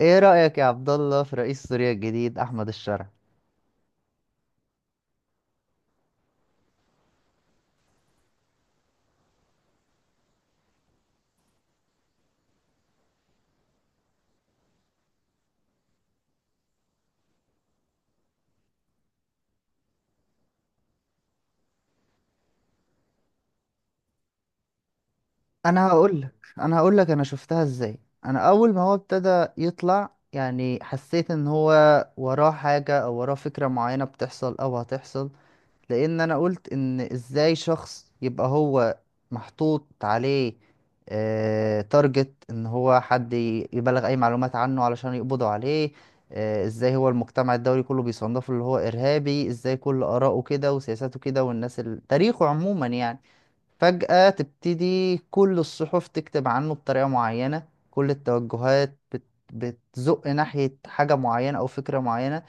ايه رأيك يا عبد الله في رئيس سوريا الجديد احمد الشرع؟ انا هقول لك انا هقول لك انا شفتها ازاي. انا اول ما هو ابتدى يطلع يعني حسيت ان هو وراه حاجة او وراه فكرة معينة بتحصل او هتحصل، لان انا قلت ان ازاي شخص يبقى هو محطوط عليه، تارجت ان هو حد يبلغ اي معلومات عنه علشان يقبضوا عليه. ازاي هو المجتمع الدولي كله بيصنفه اللي هو ارهابي، ازاي كل اراءه كده وسياساته كده والناس تاريخه عموما يعني، فجأة تبتدي كل الصحف تكتب عنه بطريقة معينة، كل التوجهات بتزق ناحية حاجة معينة أو فكرة معينة.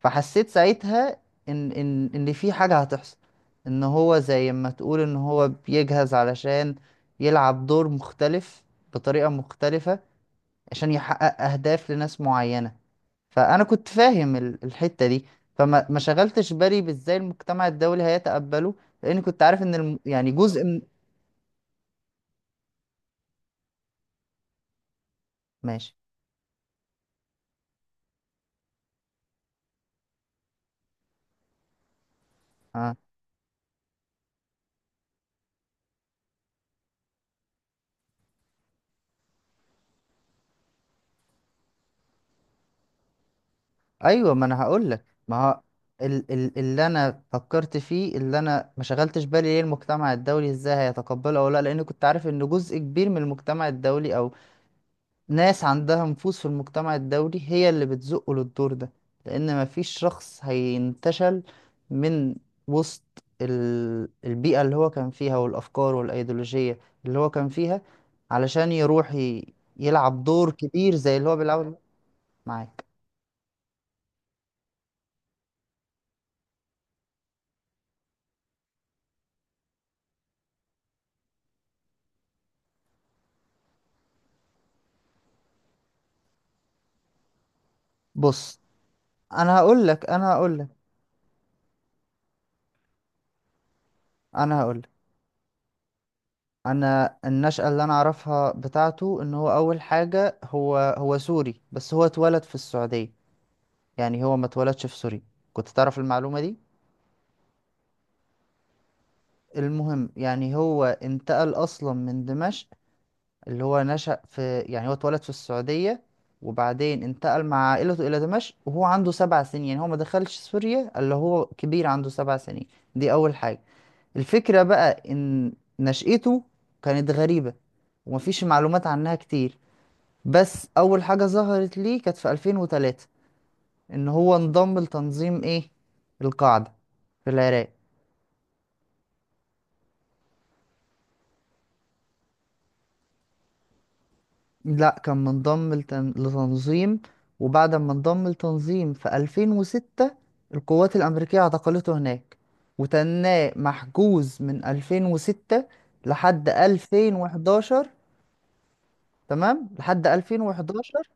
فحسيت ساعتها ان في حاجة هتحصل، ان هو زي ما تقول ان هو بيجهز علشان يلعب دور مختلف بطريقة مختلفة عشان يحقق اهداف لناس معينة. فانا كنت فاهم الحتة دي. فما ما شغلتش بالي بازاي المجتمع الدولي هيتقبله، لاني كنت عارف ان يعني جزء من. ماشي. آه. ايوه، ما انا هقول لك ما هو اللي انا فكرت فيه، اللي انا ما شغلتش بالي ليه المجتمع الدولي ازاي هيتقبله او لا، لان كنت عارف ان جزء كبير من المجتمع الدولي او ناس عندها نفوذ في المجتمع الدولي هي اللي بتزقه للدور ده. لان ما فيش شخص هينتشل من وسط البيئة اللي هو كان فيها والافكار والايديولوجية اللي هو كان فيها، علشان يروح يلعب دور كبير زي اللي هو بيلعبه. معاك. بص، انا هقول لك انا هقول لك انا هقول لك انا النشأة اللي انا اعرفها بتاعته، ان هو اول حاجة هو سوري بس هو اتولد في السعودية، يعني هو ما اتولدش في سوريا. كنت تعرف المعلومة دي؟ المهم يعني هو انتقل اصلا من دمشق اللي هو نشأ في، يعني هو اتولد في السعودية وبعدين انتقل مع عائلته الى دمشق وهو عنده 7 سنين، يعني هو ما دخلش سوريا الا هو كبير عنده 7 سنين. دي اول حاجة. الفكرة بقى إن نشأته كانت غريبة ومفيش معلومات عنها كتير، بس أول حاجة ظهرت ليه كانت في 2003، إن هو انضم لتنظيم إيه، القاعدة، في العراق. لا كان منضم لتنظيم، وبعد ما انضم لتنظيم في 2006 القوات الأمريكية اعتقلته هناك، وتناه محجوز من 2006 لحد 2011. تمام. لحد 2011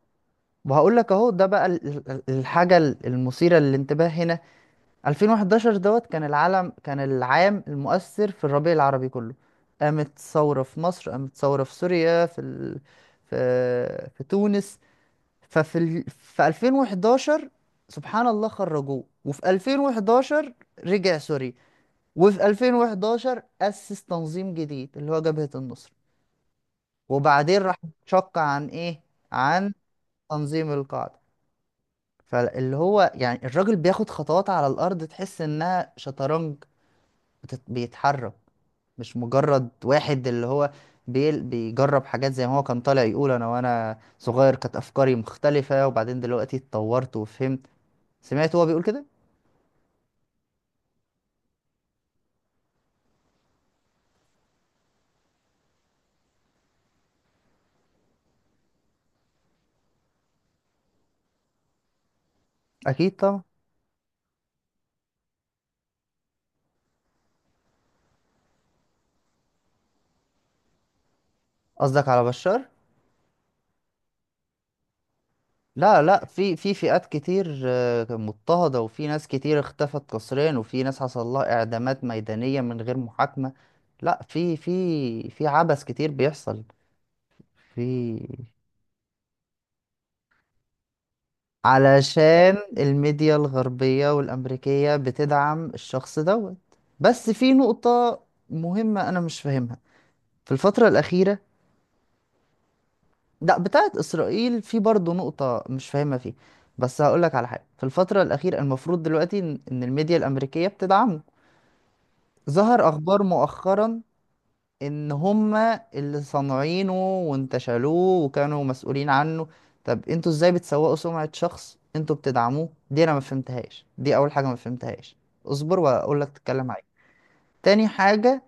وهقول لك اهو ده بقى الحاجة المثيرة للانتباه هنا. 2011 دوت كان العالم، كان العام المؤثر في الربيع العربي كله، قامت ثورة في مصر، قامت ثورة في سوريا، في في تونس. ففي في 2011 سبحان الله خرجوه، وفي 2011 رجع سوري، وفي 2011 أسس تنظيم جديد اللي هو جبهة النصر. وبعدين راح شق عن ايه، عن تنظيم القاعدة. فاللي هو يعني الراجل بياخد خطوات على الأرض تحس إنها شطرنج، بيتحرك. مش مجرد واحد اللي هو بيجرب حاجات زي ما هو كان طالع يقول أنا وأنا صغير كانت أفكاري مختلفة وبعدين دلوقتي اتطورت وفهمت. سمعت هو بيقول كده؟ أكيد طبعا. قصدك على بشار؟ لا لا، في فئات كتير مضطهدة، وفي ناس كتير اختفت قسريا، وفي ناس حصل لها إعدامات ميدانية من غير محاكمة. لا في عبث كتير بيحصل في. علشان الميديا الغربية والأمريكية بتدعم الشخص دوت. بس في نقطة مهمة أنا مش فاهمها في الفترة الأخيرة. لا بتاعت إسرائيل في برضه نقطة مش فاهمها فيه، بس هقولك على حاجة في الفترة الأخيرة، المفروض دلوقتي إن الميديا الأمريكية بتدعمه، ظهر أخبار مؤخرا ان هما اللي صانعينه وانتشلوه وكانوا مسؤولين عنه. طب انتوا ازاي بتسوقوا سمعة شخص انتوا بتدعموه؟ دي انا ما فهمتهاش، دي اول حاجة ما فهمتهاش. اصبر واقول لك، تتكلم معايا. تاني حاجة،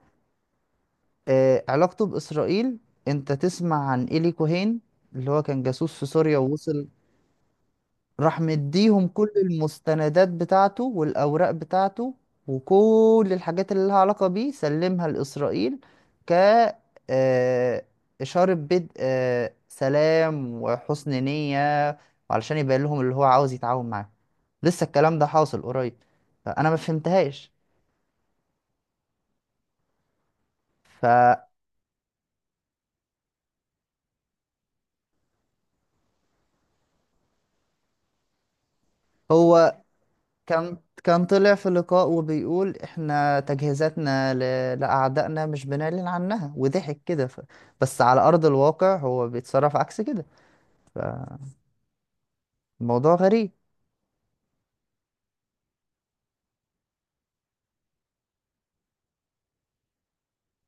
آه، علاقته باسرائيل. انت تسمع عن إيلي كوهين اللي هو كان جاسوس في سوريا ووصل، راح مديهم كل المستندات بتاعته والأوراق بتاعته وكل الحاجات اللي لها علاقة بيه سلمها لإسرائيل ك، آه، إشارة بدء سلام وحسن نية، وعلشان يبين لهم اللي هو عاوز يتعاون معاه. لسه الكلام ده حاصل قريب، فأنا ما فهمتهاش. فهو كان، كان طلع في لقاء وبيقول احنا تجهيزاتنا لأعدائنا مش بنعلن عنها وضحك كده، بس على أرض الواقع هو بيتصرف عكس كده، فالموضوع غريب.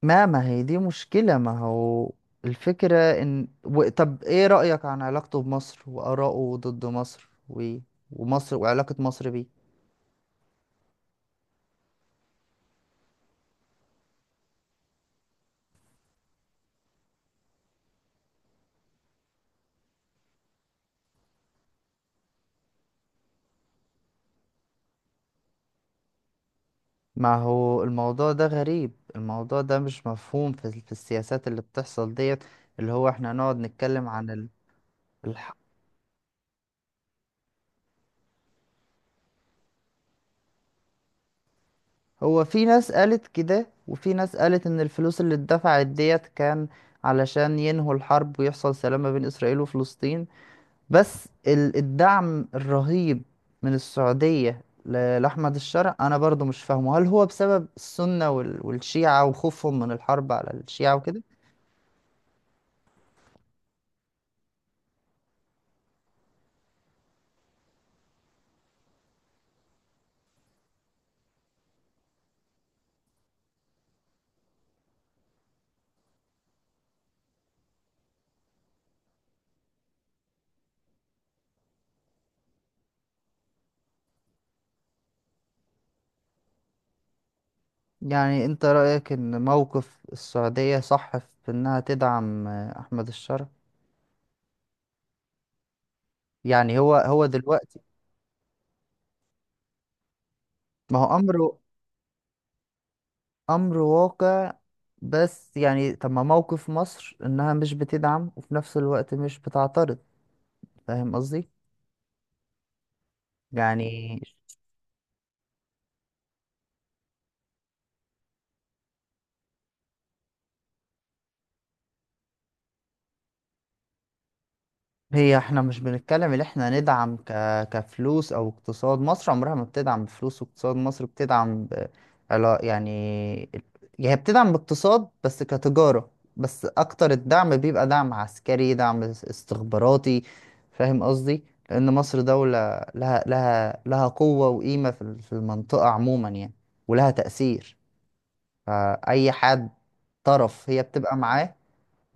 ما هي دي مشكلة، ما هو الفكرة ان طب ايه رأيك عن علاقته بمصر وآراءه ضد مصر ومصر وعلاقة مصر بيه. ما هو الموضوع ده غريب، الموضوع ده مش مفهوم في السياسات اللي بتحصل ديت، اللي هو احنا نقعد نتكلم عن الح- هو في ناس قالت كده وفي ناس قالت ان الفلوس اللي اتدفعت ديت كان علشان ينهوا الحرب ويحصل سلام ما بين اسرائيل وفلسطين. بس الدعم الرهيب من السعودية لأحمد الشرع انا برضو مش فاهمه، هل هو بسبب السنة والشيعة وخوفهم من الحرب على الشيعة وكده؟ يعني انت رأيك ان موقف السعودية صح في انها تدعم احمد الشرع؟ يعني هو دلوقتي ما هو امره امر واقع. بس يعني طب ما موقف مصر انها مش بتدعم وفي نفس الوقت مش بتعترض، فاهم قصدي؟ يعني هي احنا مش بنتكلم ان احنا ندعم كفلوس او اقتصاد، مصر عمرها ما بتدعم بفلوس واقتصاد، مصر بتدعم يعني هي بتدعم باقتصاد بس كتجارة، بس اكتر الدعم بيبقى دعم عسكري، دعم استخباراتي، فاهم قصدي؟ لان مصر دولة لها قوة وقيمة في في المنطقة عموما يعني، ولها تأثير، فأي حد طرف هي بتبقى معاه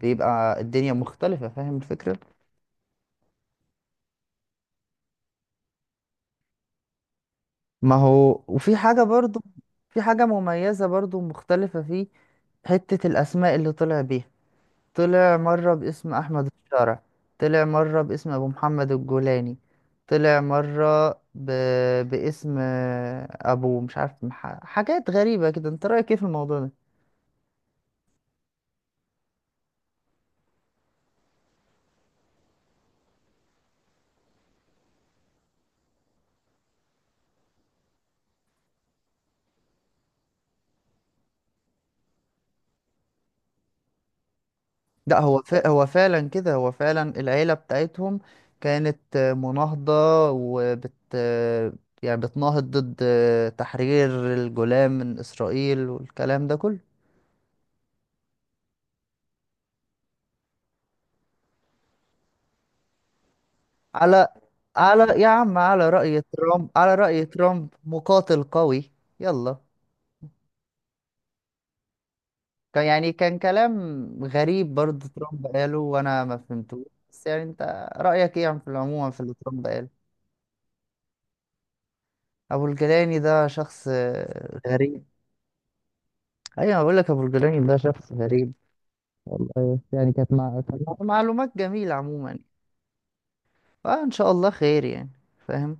بيبقى الدنيا مختلفة، فاهم الفكرة؟ ما هو وفي حاجة برضو، في حاجة مميزة برضو مختلفة فيه، حتة الأسماء اللي طلع بيها، طلع مرة باسم أحمد الشارع، طلع مرة باسم أبو محمد الجولاني، طلع مرة باسم أبو مش عارف حاجات غريبة كده، أنت رأيك إيه في الموضوع ده؟ لا هو هو فعلا كده، هو فعلا العيلة بتاعتهم كانت مناهضة وبت يعني بتناهض ضد تحرير الجولان من إسرائيل والكلام ده كله. على على يا عم، على رأي ترامب، على رأي ترامب مقاتل قوي. يلا كان يعني كان كلام غريب برضه ترامب قاله وأنا ما فهمتوش، بس يعني أنت رأيك إيه عم في العموم في اللي ترامب قاله؟ أبو الجيلاني ده شخص غريب. ايوه بقول لك ابو الجولاني ده شخص غريب، والله يعني كانت معلومات جميله عموما، فان شاء الله خير يعني، فاهم؟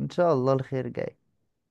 ان شاء الله الخير جاي.